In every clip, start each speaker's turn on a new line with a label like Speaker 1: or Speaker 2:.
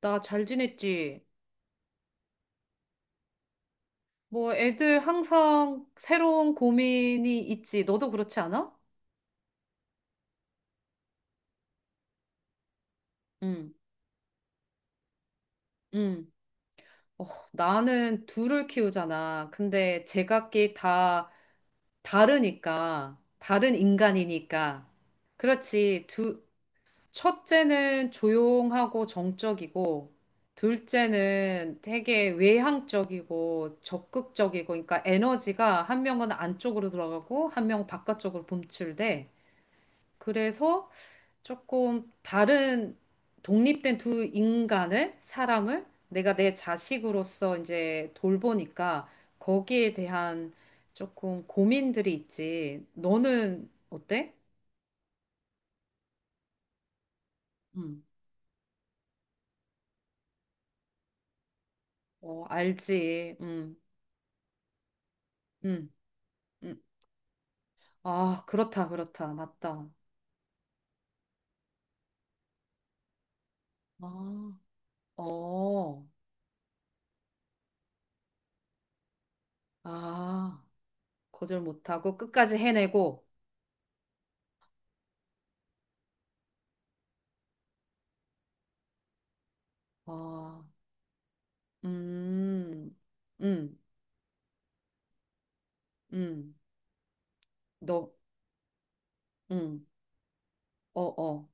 Speaker 1: 나 잘 지냈지? 뭐 애들 항상 새로운 고민이 있지. 너도 그렇지 않아? 응, 응. 어, 나는 둘을 키우잖아. 근데 제각기 다 다르니까. 다른 인간이니까. 그렇지. 첫째는 조용하고 정적이고, 둘째는 되게 외향적이고 적극적이고, 그러니까 에너지가 한 명은 안쪽으로 들어가고, 한 명은 바깥쪽으로 분출돼. 그래서 조금 다른 독립된 두 인간을, 사람을 내가 내 자식으로서 이제 돌보니까 거기에 대한 조금 고민들이 있지. 너는 어때? 음. 어, 알지. 음, 음. 아, 그렇다, 그렇다. 맞다. 아, 어, 아, 거절 못하고 끝까지 해내고, 아, 음, 음, 음, 너, 음, 어, 어.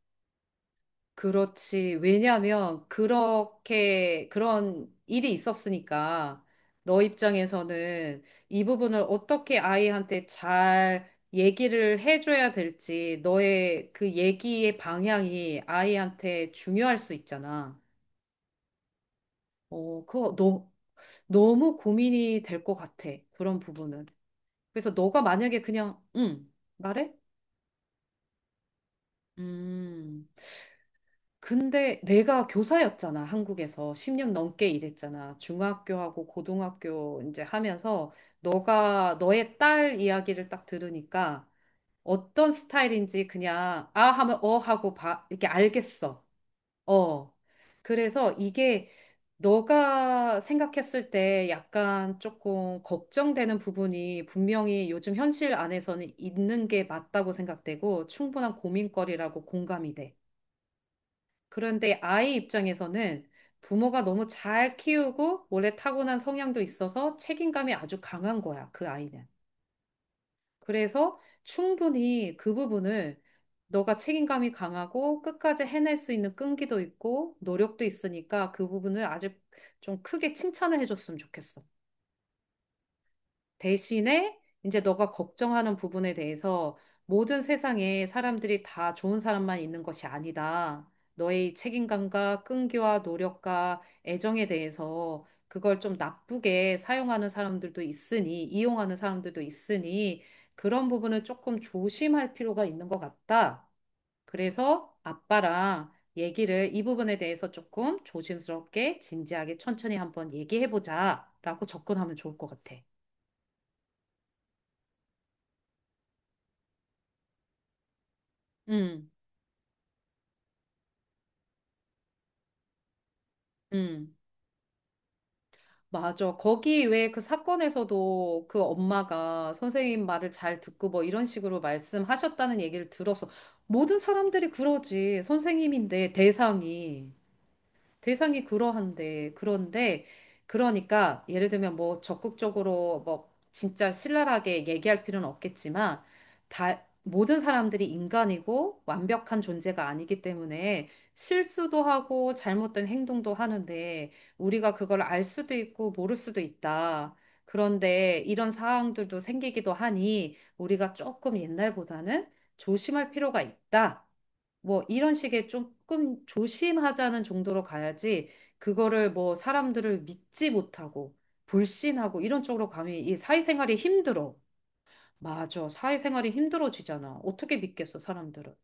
Speaker 1: 그렇지. 왜냐하면 그렇게 그런 일이 있었으니까 너 입장에서는 이 부분을 어떻게 아이한테 잘 얘기를 해줘야 될지 너의 그 얘기의 방향이 아이한테 중요할 수 있잖아. 어, 그거 너무 고민이 될 것 같아. 그런 부분은. 그래서 너가 만약에 그냥, 응, 말해? 음. 근데 내가 교사였잖아, 한국에서. 10년 넘게 일했잖아. 중학교하고 고등학교 이제 하면서 너가 너의 딸 이야기를 딱 들으니까 어떤 스타일인지 그냥 아 하면 어 하고 봐 이렇게 알겠어. 어. 그래서 이게 너가 생각했을 때 약간 조금 걱정되는 부분이 분명히 요즘 현실 안에서는 있는 게 맞다고 생각되고 충분한 고민거리라고 공감이 돼. 그런데 아이 입장에서는 부모가 너무 잘 키우고 원래 타고난 성향도 있어서 책임감이 아주 강한 거야, 그 아이는. 그래서 충분히 그 부분을 너가 책임감이 강하고 끝까지 해낼 수 있는 끈기도 있고 노력도 있으니까 그 부분을 아주 좀 크게 칭찬을 해줬으면 좋겠어. 대신에 이제 너가 걱정하는 부분에 대해서 모든 세상에 사람들이 다 좋은 사람만 있는 것이 아니다. 너의 이 책임감과 끈기와 노력과 애정에 대해서 그걸 좀 나쁘게 사용하는 사람들도 있으니, 이용하는 사람들도 있으니, 그런 부분은 조금 조심할 필요가 있는 것 같다. 그래서 아빠랑 얘기를 이 부분에 대해서 조금 조심스럽게, 진지하게, 천천히 한번 얘기해보자라고 접근하면 좋을 것 같아. 음. 음, 맞아. 거기 왜 그 사건에서도 그 엄마가 선생님 말을 잘 듣고 뭐 이런 식으로 말씀하셨다는 얘기를 들어서 모든 사람들이 그러지. 선생님인데 대상이. 대상이 그러한데, 그런데, 그러니까, 예를 들면 뭐 적극적으로 뭐 진짜 신랄하게 얘기할 필요는 없겠지만, 다, 모든 사람들이 인간이고 완벽한 존재가 아니기 때문에 실수도 하고 잘못된 행동도 하는데, 우리가 그걸 알 수도 있고 모를 수도 있다. 그런데 이런 상황들도 생기기도 하니, 우리가 조금 옛날보다는 조심할 필요가 있다. 뭐 이런 식의 조금 조심하자는 정도로 가야지 그거를 뭐 사람들을 믿지 못하고 불신하고 이런 쪽으로 가면 이 사회생활이 힘들어. 맞아. 사회생활이 힘들어지잖아. 어떻게 믿겠어, 사람들을.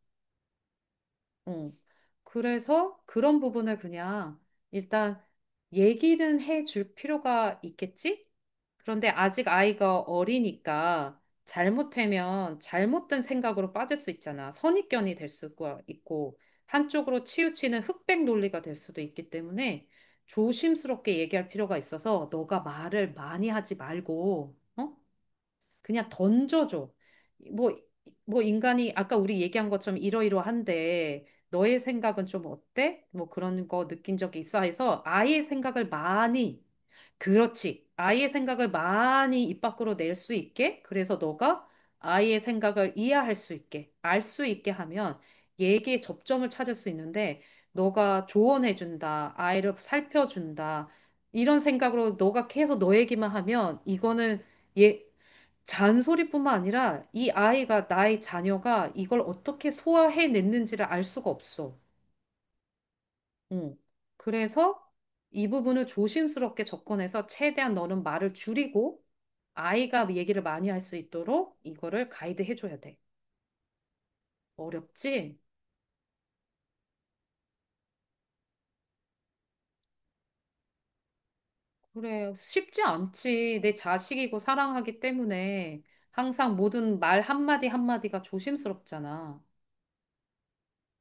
Speaker 1: 어. 그래서 그런 부분을 그냥 일단 얘기는 해줄 필요가 있겠지? 그런데 아직 아이가 어리니까 잘못되면 잘못된 생각으로 빠질 수 있잖아. 선입견이 될 수가 있고, 한쪽으로 치우치는 흑백 논리가 될 수도 있기 때문에 조심스럽게 얘기할 필요가 있어서 너가 말을 많이 하지 말고, 어? 그냥 던져줘. 뭐, 뭐 인간이 아까 우리 얘기한 것처럼 이러이러한데 너의 생각은 좀 어때? 뭐 그런 거 느낀 적이 있어 해서 아이의 생각을 많이, 그렇지. 아이의 생각을 많이 입 밖으로 낼 수 있게. 그래서 너가 아이의 생각을 이해할 수 있게, 알 수 있게 하면 얘기의 접점을 찾을 수 있는데 너가 조언해준다, 아이를 살펴준다, 이런 생각으로 너가 계속 너 얘기만 하면 이거는 얘 잔소리뿐만 아니라 이 아이가, 나의 자녀가 이걸 어떻게 소화해냈는지를 알 수가 없어. 응. 그래서 이 부분을 조심스럽게 접근해서 최대한 너는 말을 줄이고 아이가 얘기를 많이 할 수 있도록 이거를 가이드해줘야 돼. 어렵지? 그래, 쉽지 않지. 내 자식이고 사랑하기 때문에 항상 모든 말 한마디 한마디가 조심스럽잖아.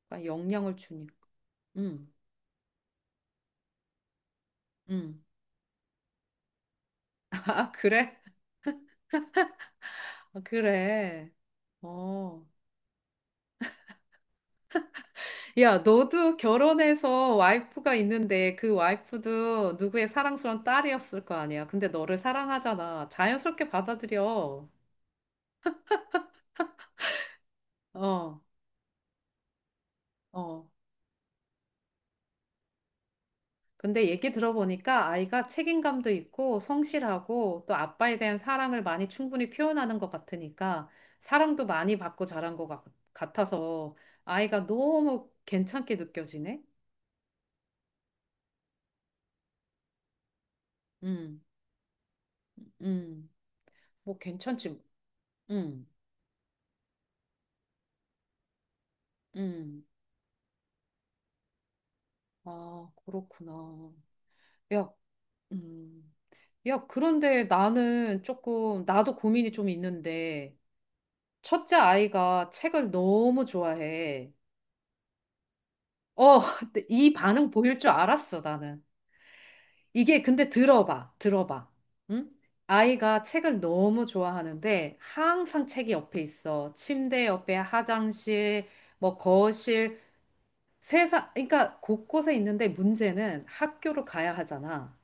Speaker 1: 그러니까 영향을 주니까. 응, 응. 아, 그래? 아, 그래. 어. 야, 너도 결혼해서 와이프가 있는데 그 와이프도 누구의 사랑스러운 딸이었을 거 아니야. 근데 너를 사랑하잖아. 자연스럽게 받아들여. 어, 어. 근데 얘기 들어보니까 아이가 책임감도 있고 성실하고 또 아빠에 대한 사랑을 많이 충분히 표현하는 것 같으니까 사랑도 많이 받고 자란 같아서 아이가 너무 괜찮게 느껴지네. 음, 음. 뭐 괜찮지. 음, 음. 아, 그렇구나. 야, 음. 야, 그런데 나는 조금, 나도 고민이 좀 있는데, 첫째 아이가 책을 너무 좋아해. 어, 근데 이 반응 보일 줄 알았어, 나는. 이게 근데 들어봐, 들어봐. 응? 아이가 책을 너무 좋아하는데, 항상 책이 옆에 있어. 침대 옆에 화장실, 뭐 거실, 세상, 그러니까 곳곳에 있는데 문제는 학교를 가야 하잖아.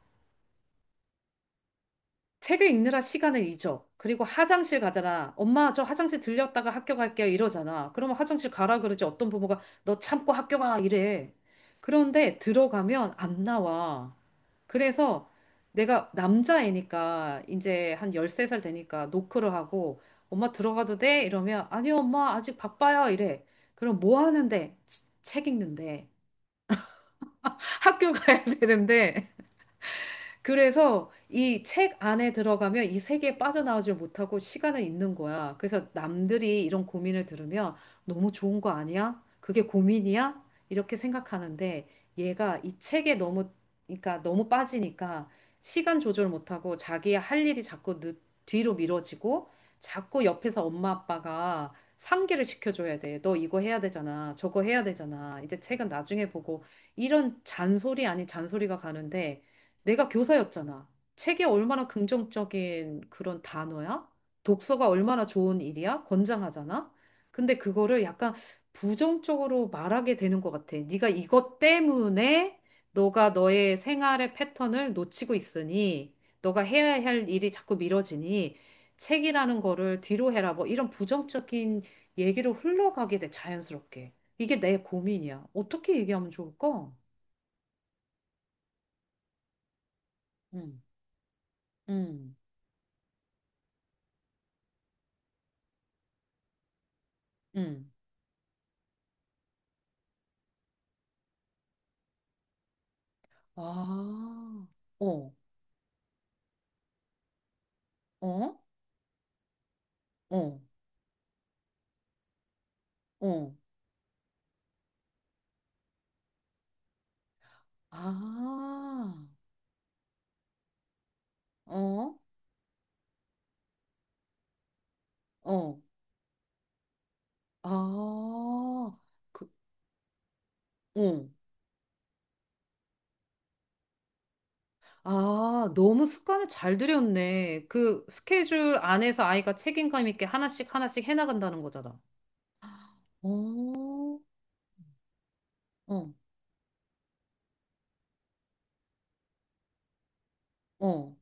Speaker 1: 책을 읽느라 시간을 잊어. 그리고 화장실 가잖아. 엄마, 저 화장실 들렸다가 학교 갈게요. 이러잖아. 그러면 화장실 가라 그러지. 어떤 부모가 너 참고 학교 가. 이래. 그런데 들어가면 안 나와. 그래서 내가 남자애니까 이제 한 13살 되니까 노크를 하고 엄마 들어가도 돼? 이러면 아니요, 엄마 아직 바빠요. 이래. 그럼 뭐 하는데? 책 읽는데. 학교 가야 되는데. 그래서 이 책 안에 들어가면 이 세계에 빠져나오지 못하고 시간을 잃는 거야. 그래서 남들이 이런 고민을 들으면 너무 좋은 거 아니야? 그게 고민이야? 이렇게 생각하는데 얘가 이 책에 너무, 그러니까 너무 빠지니까 시간 조절 못하고 자기 할 일이 자꾸 뒤로 미뤄지고 자꾸 옆에서 엄마 아빠가 상기를 시켜줘야 돼. 너 이거 해야 되잖아. 저거 해야 되잖아. 이제 책은 나중에 보고 이런 잔소리 아닌 잔소리가 가는데 내가 교사였잖아. 책이 얼마나 긍정적인 그런 단어야? 독서가 얼마나 좋은 일이야? 권장하잖아. 근데 그거를 약간 부정적으로 말하게 되는 것 같아. 네가 이것 때문에 너가 너의 생활의 패턴을 놓치고 있으니 너가 해야 할 일이 자꾸 미뤄지니 책이라는 거를 뒤로 해라. 뭐 이런 부정적인 얘기로 흘러가게 돼, 자연스럽게. 이게 내 고민이야. 어떻게 얘기하면 좋을까? 응응응. 아, 어, 어, 어, 어, 아, 어, 어, 아, 그, 어. 아, 너무 습관을 잘 들였네. 그 스케줄 안에서 아이가 책임감 있게 하나씩 하나씩 해나간다는 거잖아. 어, 어, 어.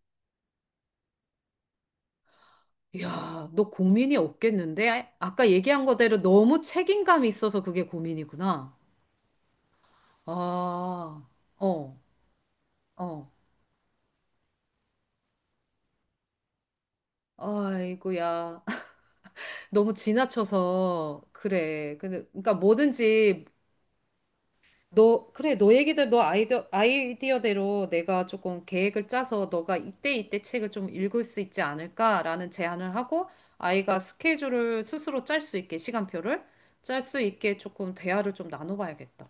Speaker 1: 야, 너 고민이 없겠는데? 아까 얘기한 거대로 너무 책임감이 있어서 그게 고민이구나. 아, 어, 어. 아이고야. 너무 지나쳐서 그래. 근데 그러니까 뭐든지 너 그래 너 아이디어대로 내가 조금 계획을 짜서 너가 이때 이때 책을 좀 읽을 수 있지 않을까라는 제안을 하고 아이가 스케줄을 스스로 짤 수 있게 시간표를 짤 수 있게 조금 대화를 좀 나눠봐야겠다.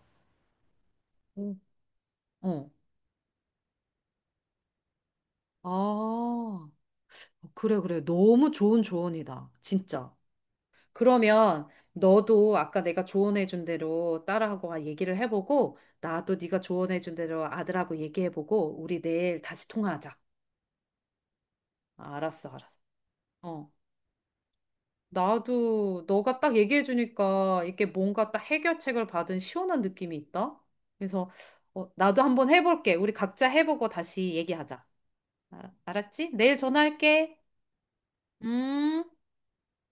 Speaker 1: 음. 어. 아, 그래, 그래. 너무 좋은 조언이다. 진짜. 그러면 너도 아까 내가 조언해준 대로 딸하고 아, 얘기를 해보고 나도 네가 조언해준 대로 아들하고 얘기해보고 우리 내일 다시 통화하자. 아, 알았어, 알았어. 어. 나도 너가 딱 얘기해주니까 이게 뭔가 딱 해결책을 받은 시원한 느낌이 있다. 그래서 어, 나도 한번 해볼게. 우리 각자 해보고 다시 얘기하자. 알았지? 내일 전화할게. 음.